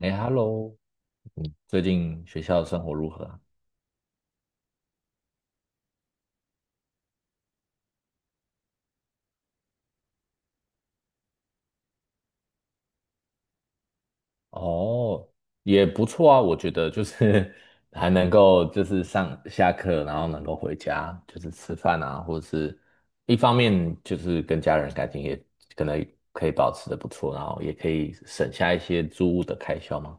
哎，Hello，最近学校的生活如何啊？哦，也不错啊，我觉得就是 还能够就是上下课，然后能够回家，就是吃饭啊，或者是一方面就是跟家人感情也可能可以保持的不错，然后也可以省下一些租屋的开销嘛。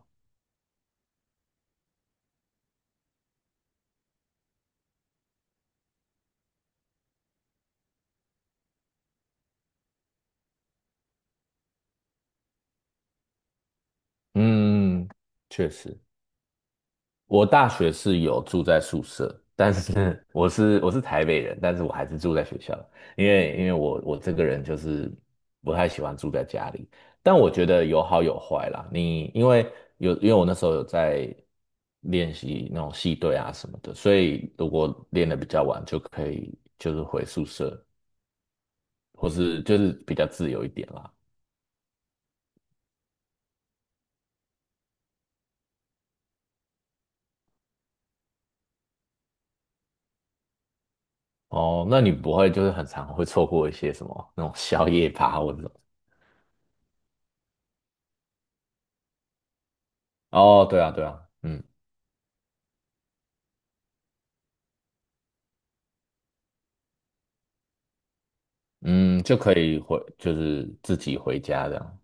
嗯，确实。我大学是有住在宿舍，但是 我是台北人，但是我还是住在学校，因为我这个人就是不太喜欢住在家里，但我觉得有好有坏啦。你因为有因为我那时候有在练习那种戏队啊什么的，所以如果练得比较晚，就可以就是回宿舍，或是就是比较自由一点啦。哦，那你不会就是很常会错过一些什么那种宵夜趴或者什么？哦，对啊，对啊，嗯。嗯，就可以回，就是自己回家这样。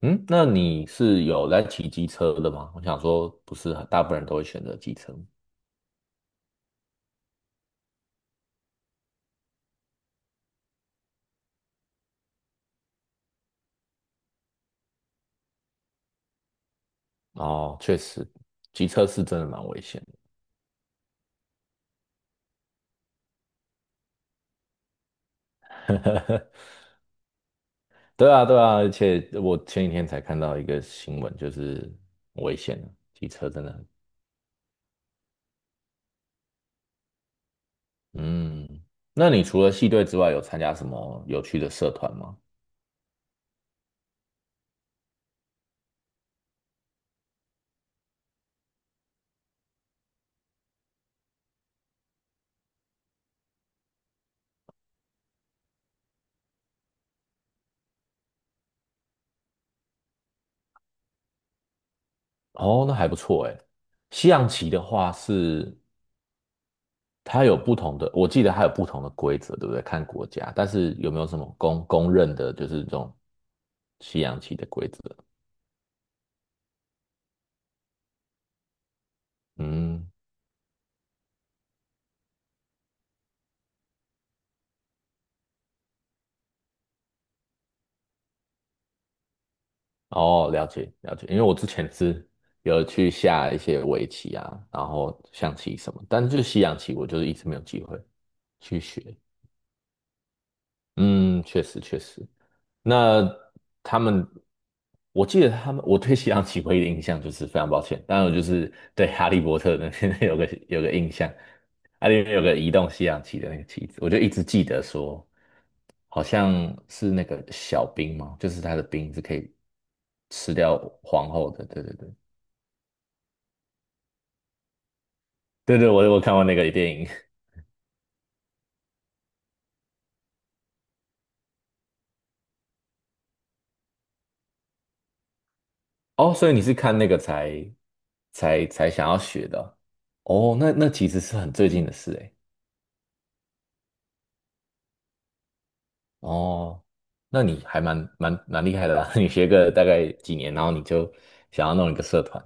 嗯，那你是有来骑机车的吗？我想说，不是很大部分人都会选择机车。哦，确实，机车是真的蛮危险的。对啊，对啊，而且我前几天才看到一个新闻，就是很危险的，机车真的。嗯，那你除了系队之外，有参加什么有趣的社团吗？哦，那还不错诶。西洋棋的话是它有不同的，我记得它有不同的规则，对不对？看国家，但是有没有什么公认的，就是这种西洋棋的规则？嗯，哦，了解了解，因为我之前是有去下一些围棋啊，然后象棋什么，但是就是西洋棋，我就是一直没有机会去学。嗯，确实确实。那他们，我记得他们，我对西洋棋唯一的印象就是非常抱歉，当然我就是对哈利波特的那边 有个印象，它里面有个移动西洋棋的那个棋子，我就一直记得说，好像是那个小兵嘛，就是他的兵是可以吃掉皇后的，对对对，对对，我看过那个电影，哦，所以你是看那个才想要学的哦，哦那其实是很最近的事诶。哦，那你还蛮厉害的啦，你学个大概几年，然后你就想要弄一个社团。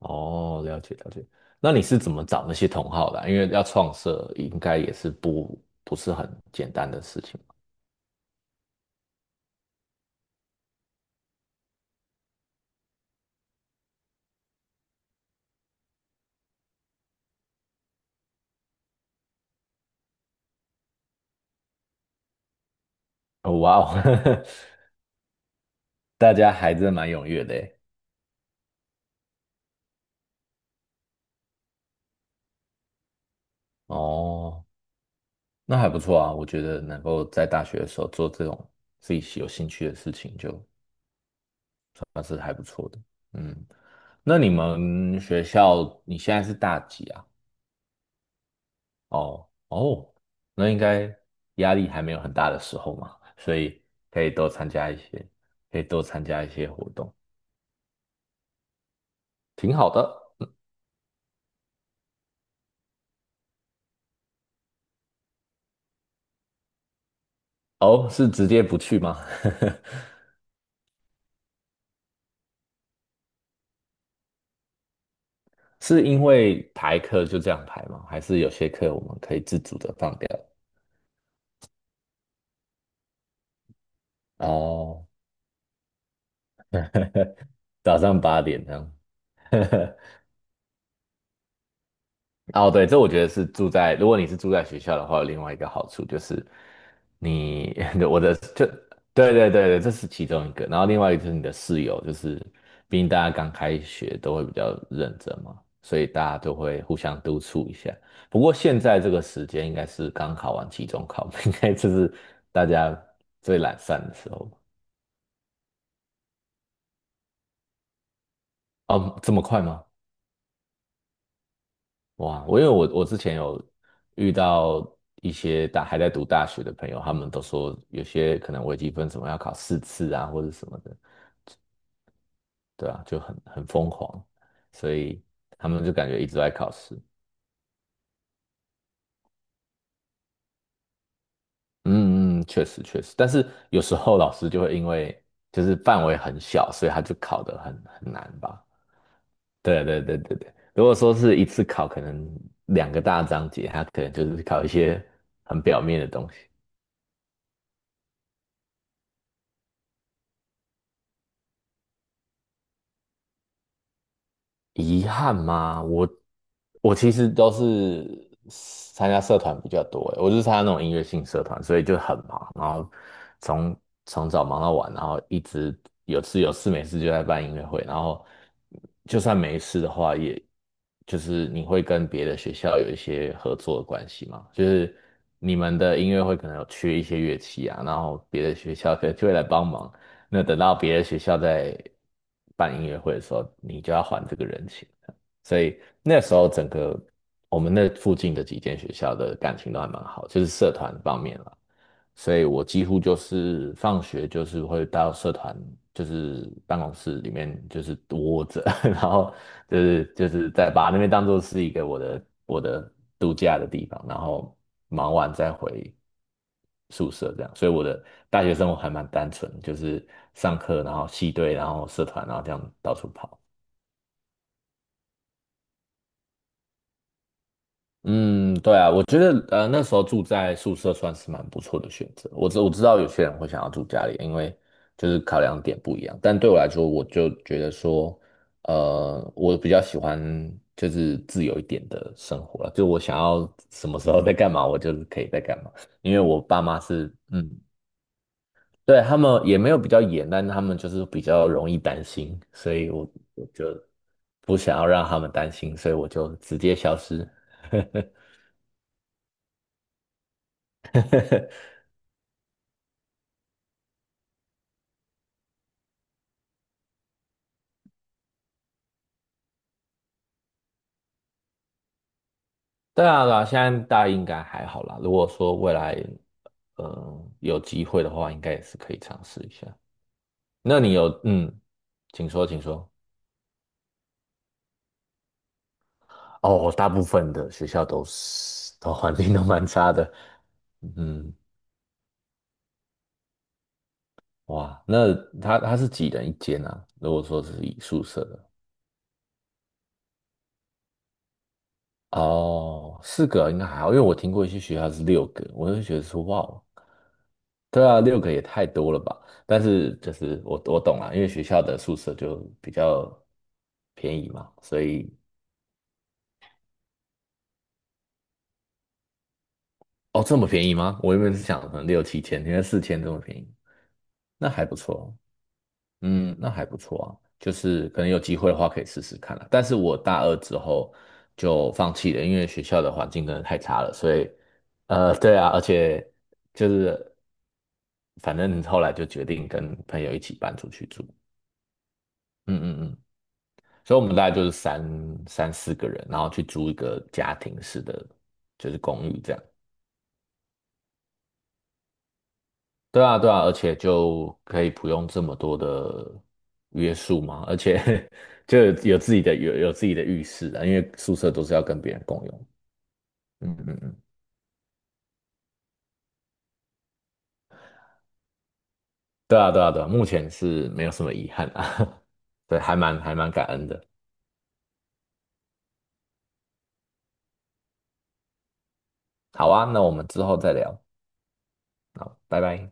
哦，了解了解。那你是怎么找那些同好的啊因为要创社，应该也是不是很简单的事情。哦，哇哦，大家还真蛮踊跃的耶。哦，那还不错啊，我觉得能够在大学的时候做这种自己有兴趣的事情，就算是还不错的。嗯，那你们学校你现在是大几啊？哦哦，那应该压力还没有很大的时候嘛，所以可以多参加一些，可以多参加一些活动，挺好的。哦，是直接不去吗？是因为排课就这样排吗？还是有些课我们可以自主的放掉？哦，早上8点这样。哦，对，这我觉得是住在，如果你是住在学校的话，有另外一个好处就是你 我的就对对对对，这是其中一个，然后另外一个就是你的室友，就是毕竟大家刚开学都会比较认真嘛，所以大家都会互相督促一下。不过现在这个时间应该是刚考完期中考，应该就是大家最懒散的时候哦，这么快吗？哇，我因为我我之前有遇到一些大还在读大学的朋友，他们都说有些可能微积分什么要考4次啊，或者什么的，对啊，就很疯狂，所以他们就感觉一直都在考试。嗯嗯，确实确实，但是有时候老师就会因为就是范围很小，所以他就考得很难吧。对对对对对，如果说是一次考可能2个大章节，他可能就是考一些很表面的东西。遗憾吗？我其实都是参加社团比较多欸，我就是参加那种音乐性社团，所以就很忙，然后从从早忙到晚，然后一直有事没事就在办音乐会，然后就算没事的话，也就是你会跟别的学校有一些合作的关系嘛，就是你们的音乐会可能有缺一些乐器啊，然后别的学校可能就会来帮忙，那等到别的学校在办音乐会的时候，你就要还这个人情。所以那时候整个我们那附近的几间学校的感情都还蛮好，就是社团方面了。所以我几乎就是放学就是会到社团，就是办公室里面就是窝着，然后就是在把那边当做是一个我的度假的地方，然后忙完再回。宿舍这样，所以我的大学生活还蛮单纯，就是上课，然后系队，然后社团，然后这样到处跑。嗯，对啊，我觉得那时候住在宿舍算是蛮不错的选择。我知道有些人会想要住家里，因为就是考量点不一样。但对我来说，我就觉得说，我比较喜欢就是自由一点的生活了，就我想要什么时候在干嘛，我就是可以在干嘛。因为我爸妈是对，他们也没有比较严，但他们就是比较容易担心，所以我就不想要让他们担心，所以我就直接消失。对啊，对啊，现在大家应该还好啦。如果说未来，有机会的话，应该也是可以尝试一下。那你有，请说，请说。哦，我大部分的学校都是，都环境都蛮差的。嗯，哇，那他是几人一间啊？如果说是以宿舍的话哦，四个应该还好，因为我听过一些学校是六个，我就觉得说哇哦，对啊，六个也太多了吧？但是就是我懂了，因为学校的宿舍就比较便宜嘛，所以哦这么便宜吗？我原本是想可能六七千，原来4千这么便宜，那还不错。嗯，那还不错啊，就是可能有机会的话可以试试看啦。但是我大二之后就放弃了，因为学校的环境真的太差了，所以，对啊，而且就是反正后来就决定跟朋友一起搬出去住，嗯嗯嗯，所以我们大概就是三四个人，然后去租一个家庭式的就是公寓这样。对啊，对啊，而且就可以不用这么多的约束嘛，而且 就有自己的浴室啊，因为宿舍都是要跟别人共用。嗯嗯嗯，对啊，对啊，对啊，目前是没有什么遗憾啊，对，还蛮感恩的。好啊，那我们之后再聊，好，拜拜。